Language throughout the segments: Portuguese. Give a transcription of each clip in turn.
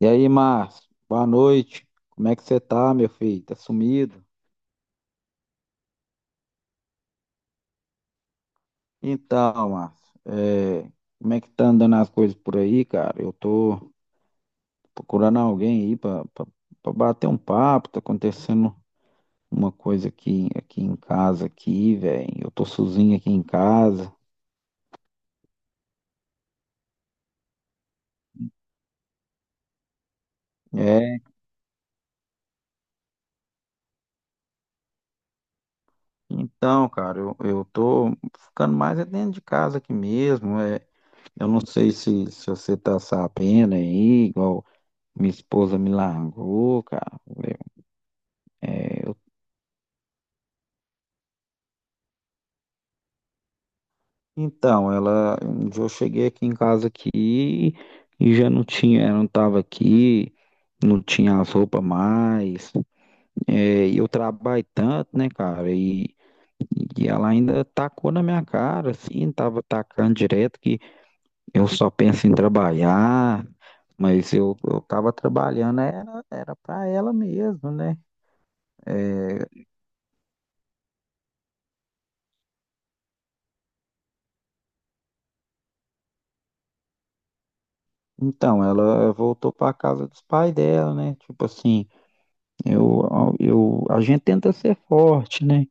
E aí, Márcio, boa noite. Como é que você tá, meu filho? Tá sumido? Então, Márcio, como é que tá andando as coisas por aí, cara? Eu tô procurando alguém aí pra bater um papo. Tá acontecendo uma coisa aqui, aqui em casa, aqui, velho. Eu tô sozinho aqui em casa. É, então, cara, eu tô ficando mais é dentro de casa aqui mesmo. Eu não sei se você tá sabendo aí, igual minha esposa me largou, cara. É, Então, ela, um dia eu cheguei aqui em casa aqui e já não tinha, ela não estava aqui, não tinha as roupas mais. É, e eu trabalho tanto, né, cara? E ela ainda tacou na minha cara, assim, tava tacando direto que eu só penso em trabalhar, mas eu tava trabalhando, era para ela mesmo, né? É, então, ela voltou para casa dos pais dela, né? Tipo assim. Eu, a gente tenta ser forte, né?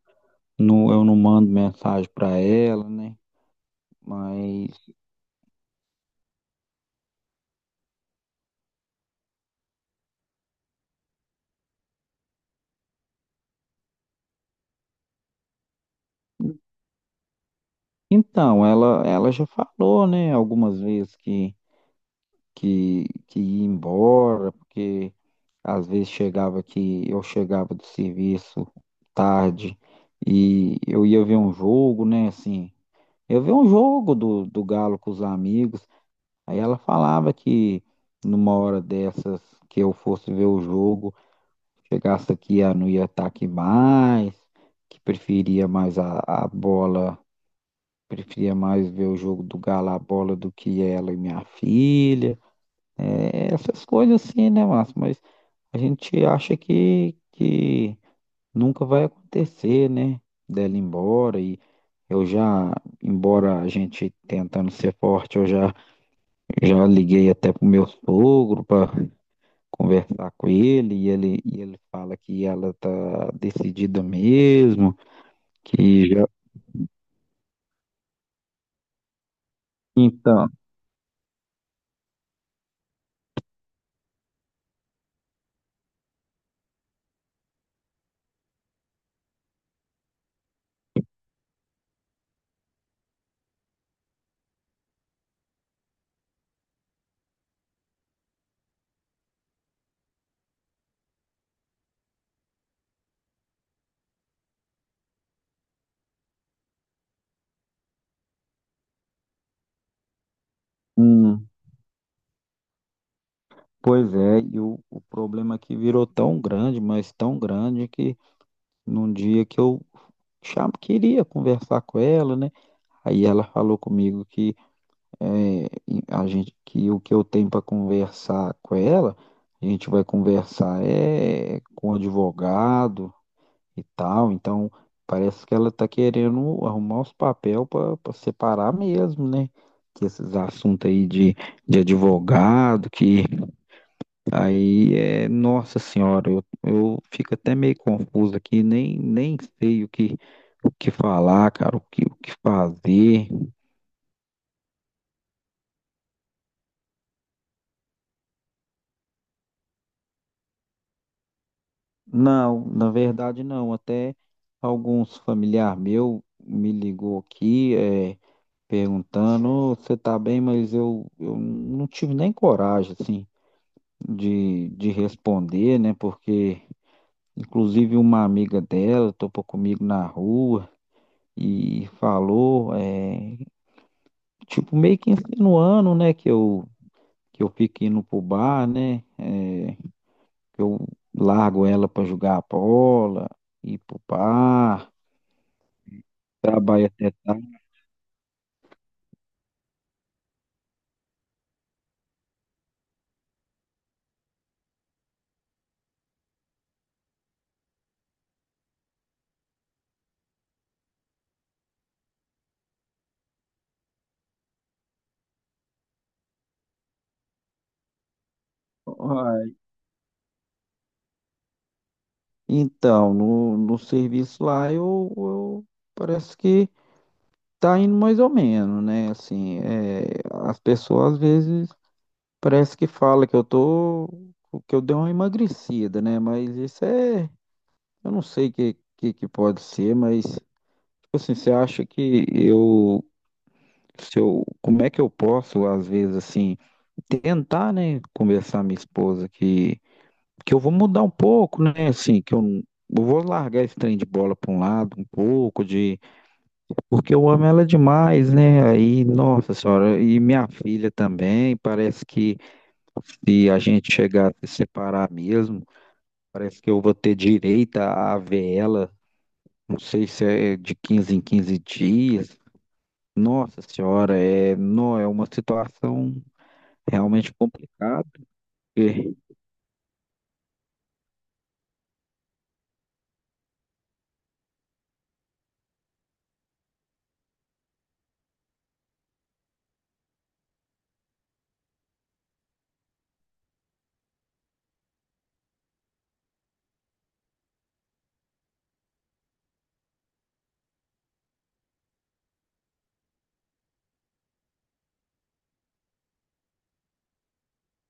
No, eu não mando mensagem para ela, né? Mas então, ela já falou, né, algumas vezes que ia embora, porque às vezes chegava que eu chegava do serviço tarde e eu ia ver um jogo, né? Assim, eu ver um jogo do Galo com os amigos. Aí ela falava que numa hora dessas que eu fosse ver o jogo, chegasse aqui, ela não ia estar aqui mais, que preferia mais a bola, preferia mais ver o jogo do Galo a bola do que ela e minha filha. É, essas coisas assim, né, Márcio? Mas a gente acha que nunca vai acontecer, né? Dela ir embora e eu já, embora a gente tentando ser forte, eu já, já liguei até pro meu sogro para conversar com ele e ele fala que ela tá decidida mesmo, que já... Então, hum, pois é, e o problema que virou tão grande, mas tão grande que num dia que eu queria conversar com ela, né? Aí ela falou comigo que é, e a gente que o que eu tenho para conversar com ela, a gente vai conversar é com o advogado e tal. Então, parece que ela tá querendo arrumar os papéis para separar mesmo, né? Que esses assuntos aí de advogado, que aí é, nossa senhora, eu fico até meio confuso aqui, nem sei o que falar, cara, o que fazer. Não, na verdade não, até alguns familiar meu me ligou aqui, é, perguntando, "Ô, você tá bem, mas eu não tive nem coragem, assim, de responder, né? Porque, inclusive, uma amiga dela topou comigo na rua e falou, é, tipo, meio que insinuando, né, que eu fico indo pro bar, né? Que eu largo ela pra jogar bola, ir pro bar, trabalho até tarde. Uai, então, no serviço lá, parece que tá indo mais ou menos, né? Assim, é, as pessoas às vezes parece que fala que eu tô, que eu dei uma emagrecida, né? Mas isso é, eu não sei o que pode ser, mas tipo assim, você acha que eu, se eu, como é que eu posso às vezes assim tentar, né, conversar com minha esposa que eu vou mudar um pouco, né? Assim, que eu vou largar esse trem de bola para um lado um pouco de, porque eu amo ela demais, né? Aí, nossa senhora, e minha filha também, parece que se a gente chegar a se separar mesmo, parece que eu vou ter direito a ver ela, não sei se é de 15 em 15 dias. Nossa senhora, é, não, é uma situação realmente complicada, porque...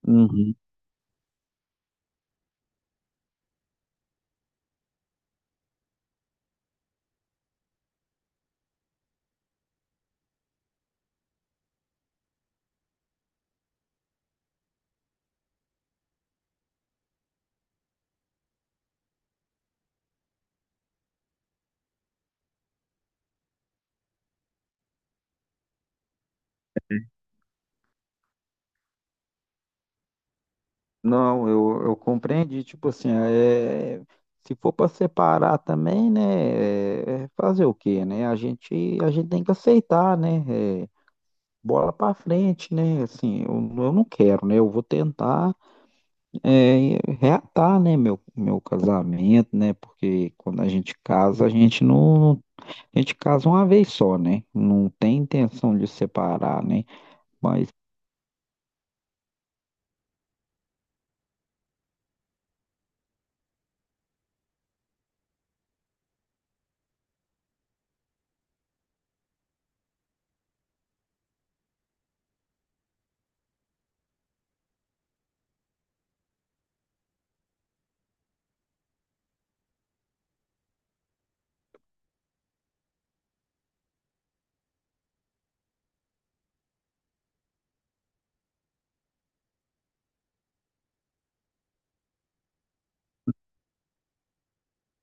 Uhum. Não, eu compreendi, tipo assim, é, se for para separar também, né, é fazer o quê, né? A gente tem que aceitar, né? É, bola para frente, né? Assim, eu não quero, né? Eu vou tentar é reatar, né, meu casamento, né? Porque quando a gente casa, a gente não, a gente casa uma vez só, né? Não tem intenção de separar, né? Mas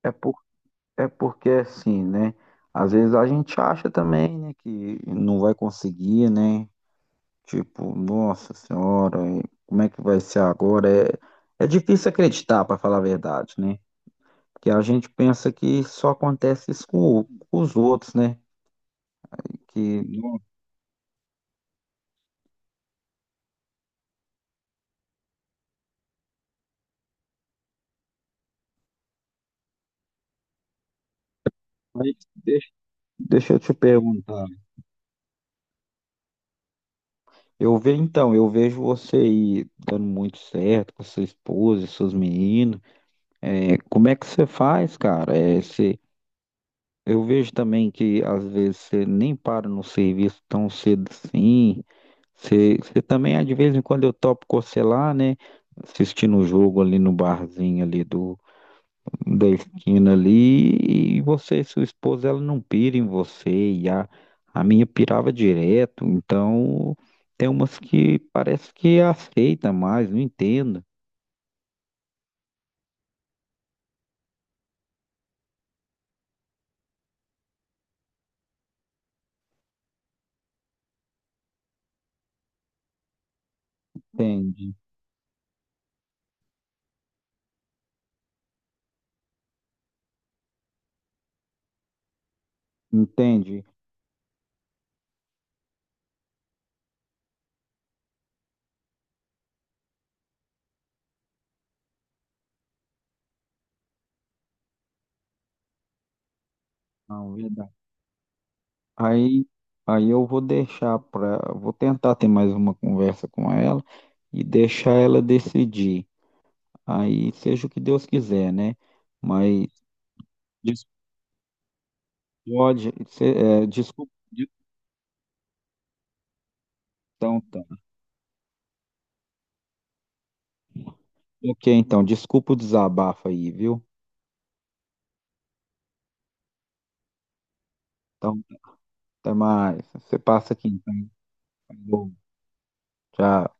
é, é porque assim, né? Às vezes a gente acha também, né, que não vai conseguir, né? Tipo, nossa senhora, e como é que vai ser agora? É, é difícil acreditar, para falar a verdade, né? Porque a gente pensa que só acontece isso com com os outros, né? Que... Mas deixa eu te perguntar. Eu vejo você aí dando muito certo com sua esposa e seus meninos. É, como é que você faz, cara? É, você... Eu vejo também que às vezes você nem para no serviço tão cedo assim. Você, também, ah, de vez em quando, eu topo cocelar, né? Assistindo o jogo ali no barzinho ali da esquina ali. E você e sua esposa, ela não pira em você. E a minha pirava direto. Então, tem umas que parece que aceita mais, não entendo. Entende, entende. Não, verdade. Aí, eu vou deixar para, vou tentar ter mais uma conversa com ela e deixar ela decidir. Aí seja o que Deus quiser, né? Mas des- Pode, é, desculpa, então, tá. Ok, então, desculpa o desabafo aí, viu? Então, até mais. Você passa aqui, então. Falou. Tchau.